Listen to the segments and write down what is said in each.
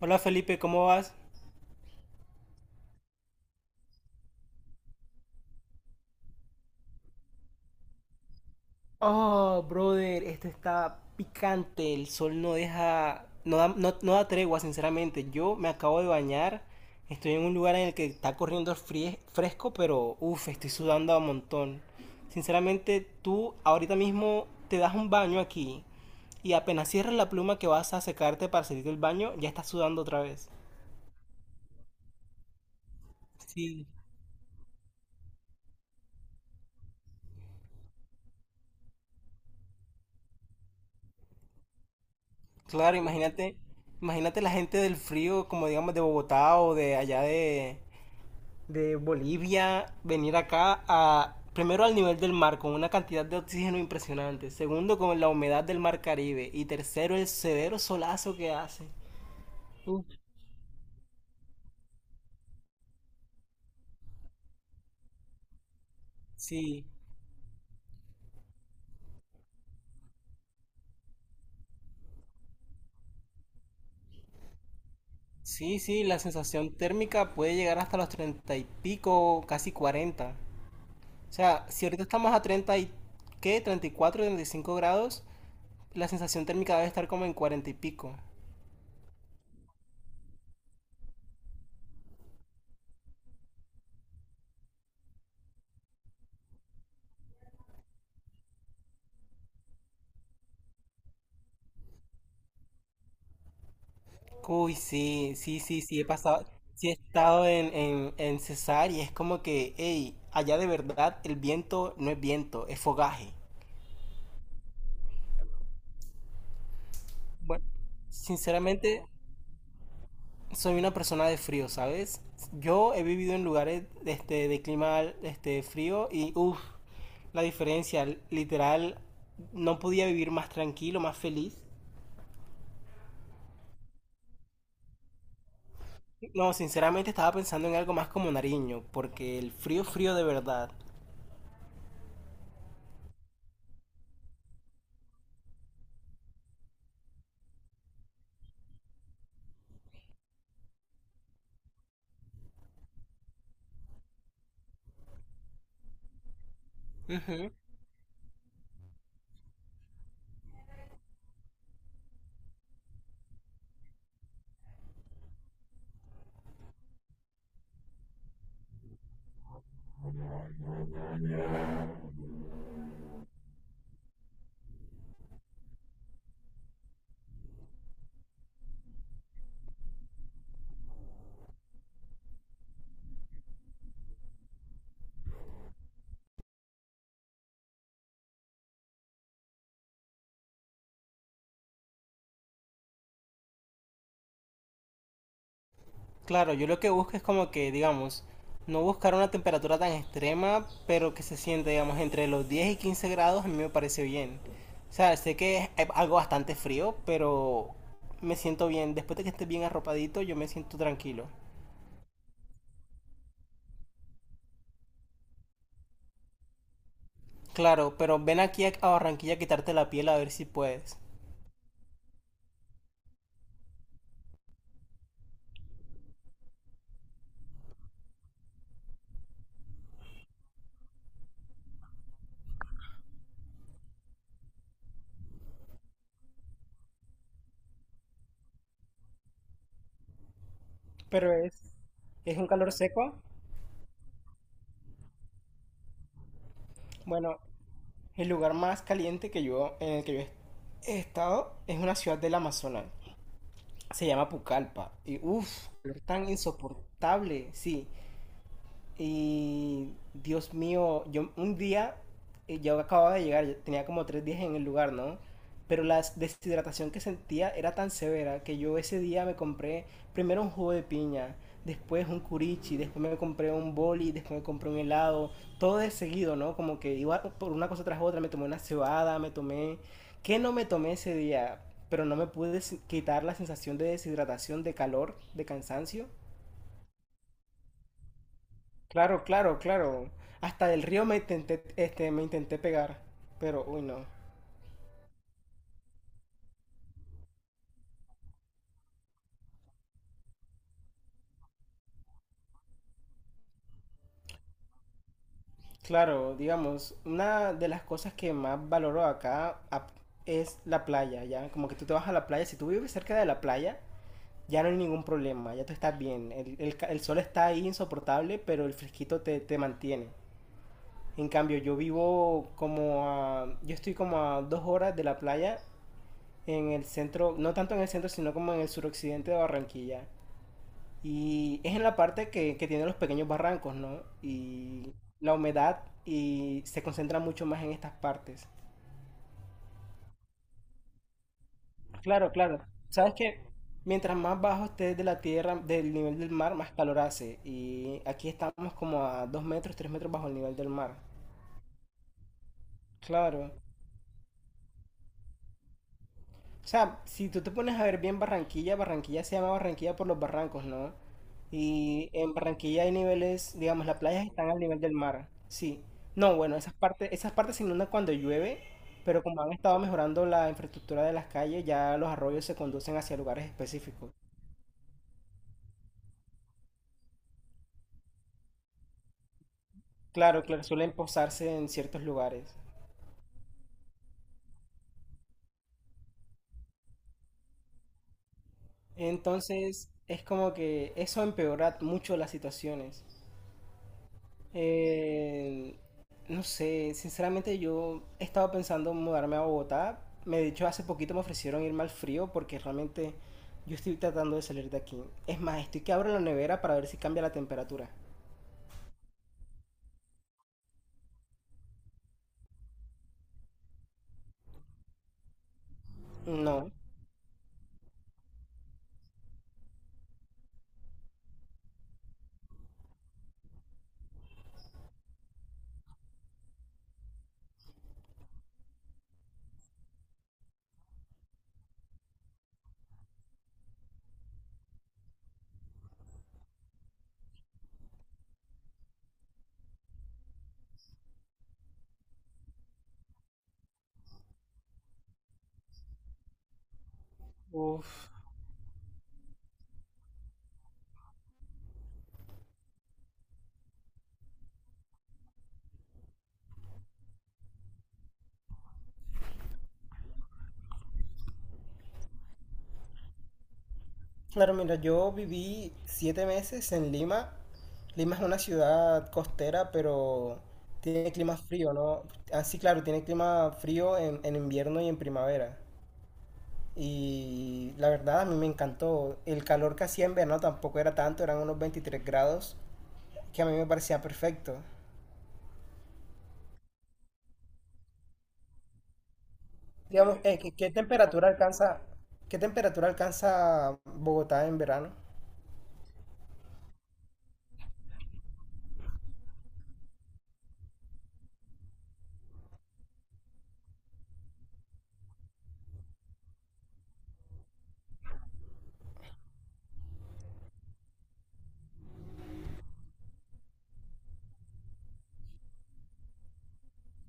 Hola Felipe, ¿cómo vas? Oh, brother, esto está picante. El sol no deja, no da, no da tregua, sinceramente. Yo me acabo de bañar. Estoy en un lugar en el que está corriendo fresco, pero uff, estoy sudando a montón. Sinceramente, tú ahorita mismo te das un baño aquí y apenas cierras la pluma que vas a secarte para salir del baño, ya estás sudando otra vez. Sí, claro, imagínate, imagínate la gente del frío, como digamos de Bogotá o de allá de Bolivia venir acá a primero al nivel del mar con una cantidad de oxígeno impresionante, segundo con la humedad del mar Caribe y tercero el severo solazo que hace. Uf, sí, sí, sí, la sensación térmica puede llegar hasta los 30 y pico, casi 40. O sea, si ahorita estamos a 30 y qué, treinta, 34, 35 grados, la sensación térmica debe estar como en 40 y pico. Uy, sí, sí, sí, sí, he pasado, sí he estado en, en Cesar y es como que, hey, allá de verdad el viento no es viento, es fogaje. Bueno, sinceramente soy una persona de frío, ¿sabes? Yo he vivido en lugares este, de clima este, frío y, uff, la diferencia, literal, no podía vivir más tranquilo, más feliz. No, sinceramente estaba pensando en algo más como Nariño, porque el frío, frío de verdad. Claro, yo lo que busco es como que, digamos, no buscar una temperatura tan extrema, pero que se siente, digamos, entre los 10 y 15 grados, a mí me parece bien. O sea, sé que es algo bastante frío, pero me siento bien. Después de que esté bien arropadito, yo me siento tranquilo. Claro, pero ven aquí a Barranquilla a quitarte la piel a ver si puedes. Es un calor seco. Bueno, el lugar más caliente que yo en el que yo he estado es una ciudad del Amazonas. Se llama Pucallpa. Y uff, tan insoportable, sí. Y Dios mío, yo un día, yo acababa de llegar, yo tenía como 3 días en el lugar, ¿no? Pero la deshidratación que sentía era tan severa que yo ese día me compré primero un jugo de piña, después un curichi, después me compré un boli, después me compré un helado, todo de seguido, ¿no? Como que iba por una cosa tras otra, me tomé una cebada, me tomé... ¿Qué no me tomé ese día? Pero no me pude quitar la sensación de deshidratación, de calor, de cansancio. Claro, claro, claro. Hasta del río me intenté, este, me intenté pegar, pero uy no. Claro, digamos, una de las cosas que más valoro acá es la playa, ¿ya? Como que tú te vas a la playa, si tú vives cerca de la playa, ya no hay ningún problema, ya tú estás bien. El sol está ahí insoportable, pero el fresquito te mantiene. En cambio, yo vivo como a... Yo estoy como a 2 horas de la playa en el centro, no tanto en el centro, sino como en el suroccidente de Barranquilla. Y es en la parte que tiene los pequeños barrancos, ¿no? Y la humedad y se concentra mucho más en estas partes. Claro, claro. Sabes que mientras más bajo estés de la tierra, del nivel del mar, más calor hace. Y aquí estamos como a 2 metros, 3 metros bajo el nivel del mar. Claro. O sea, si tú te pones a ver bien Barranquilla, Barranquilla se llama Barranquilla por los barrancos, ¿no? Y en Barranquilla hay niveles, digamos, las playas están al nivel del mar. Sí. No, bueno, esas partes se inundan cuando llueve, pero como han estado mejorando la infraestructura de las calles, ya los arroyos se conducen hacia lugares específicos. Claro, claro, suelen posarse en ciertos lugares. Entonces, es como que eso empeora mucho las situaciones. Eh, no sé, sinceramente yo he estado pensando en mudarme a Bogotá. De hecho, hace poquito me ofrecieron irme al frío porque realmente yo estoy tratando de salir de aquí. Es más, estoy que abro la nevera para ver si cambia la temperatura. No. Uf. Claro, mira, yo viví 7 meses en Lima. Lima es una ciudad costera, pero tiene clima frío, ¿no? Así, claro, tiene clima frío en, invierno y en primavera. Y la verdad a mí me encantó. El calor que hacía en verano tampoco era tanto, eran unos 23 grados, que a mí me parecía perfecto. Digamos, ¿qué temperatura alcanza, qué temperatura alcanza Bogotá en verano?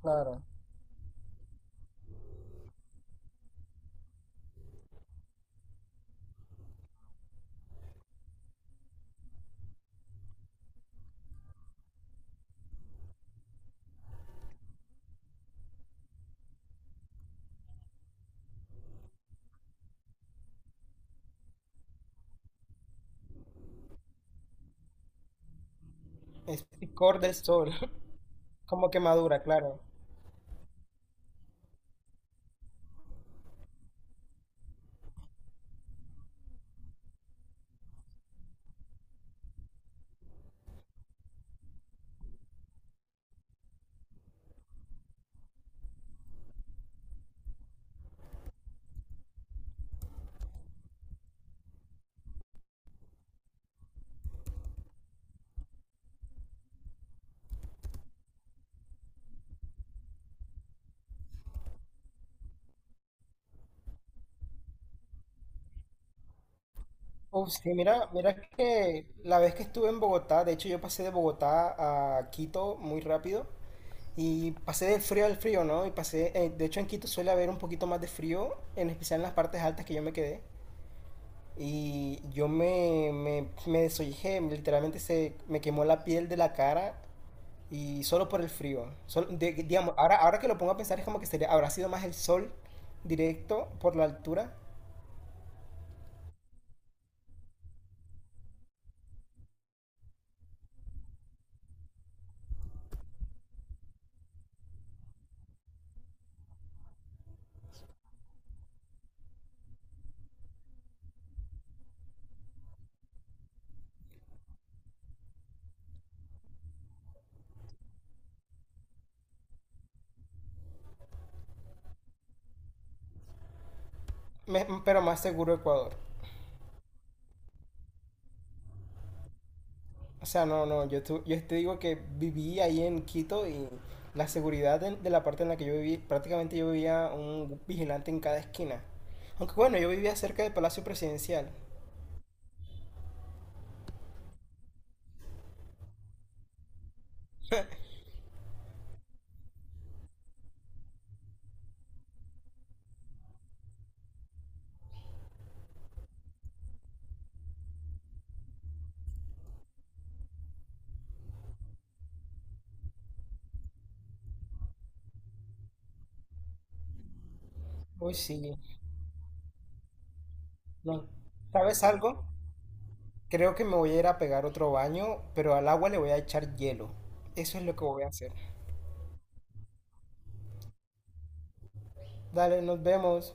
Claro, es picor del sol, como quemadura, claro. Uf, sí, mira, mira que la vez que estuve en Bogotá, de hecho yo pasé de Bogotá a Quito muy rápido. Y pasé del frío al frío, ¿no? Y pasé, de hecho en Quito suele haber un poquito más de frío, en especial en las partes altas que yo me quedé. Y yo me desollejé, literalmente se me quemó la piel de la cara y solo por el frío. Digamos, ahora, ahora que lo pongo a pensar es como que sería, habrá sido más el sol directo por la altura, pero más seguro Ecuador. O sea, no, no, yo te digo que viví ahí en Quito y la seguridad de la parte en la que yo viví, prácticamente yo vivía un vigilante en cada esquina. Aunque bueno, yo vivía cerca del Palacio Presidencial. Uy, sí. No. ¿Sabes algo? Creo que me voy a ir a pegar otro baño, pero al agua le voy a echar hielo. Eso es lo que voy a hacer. Dale, nos vemos.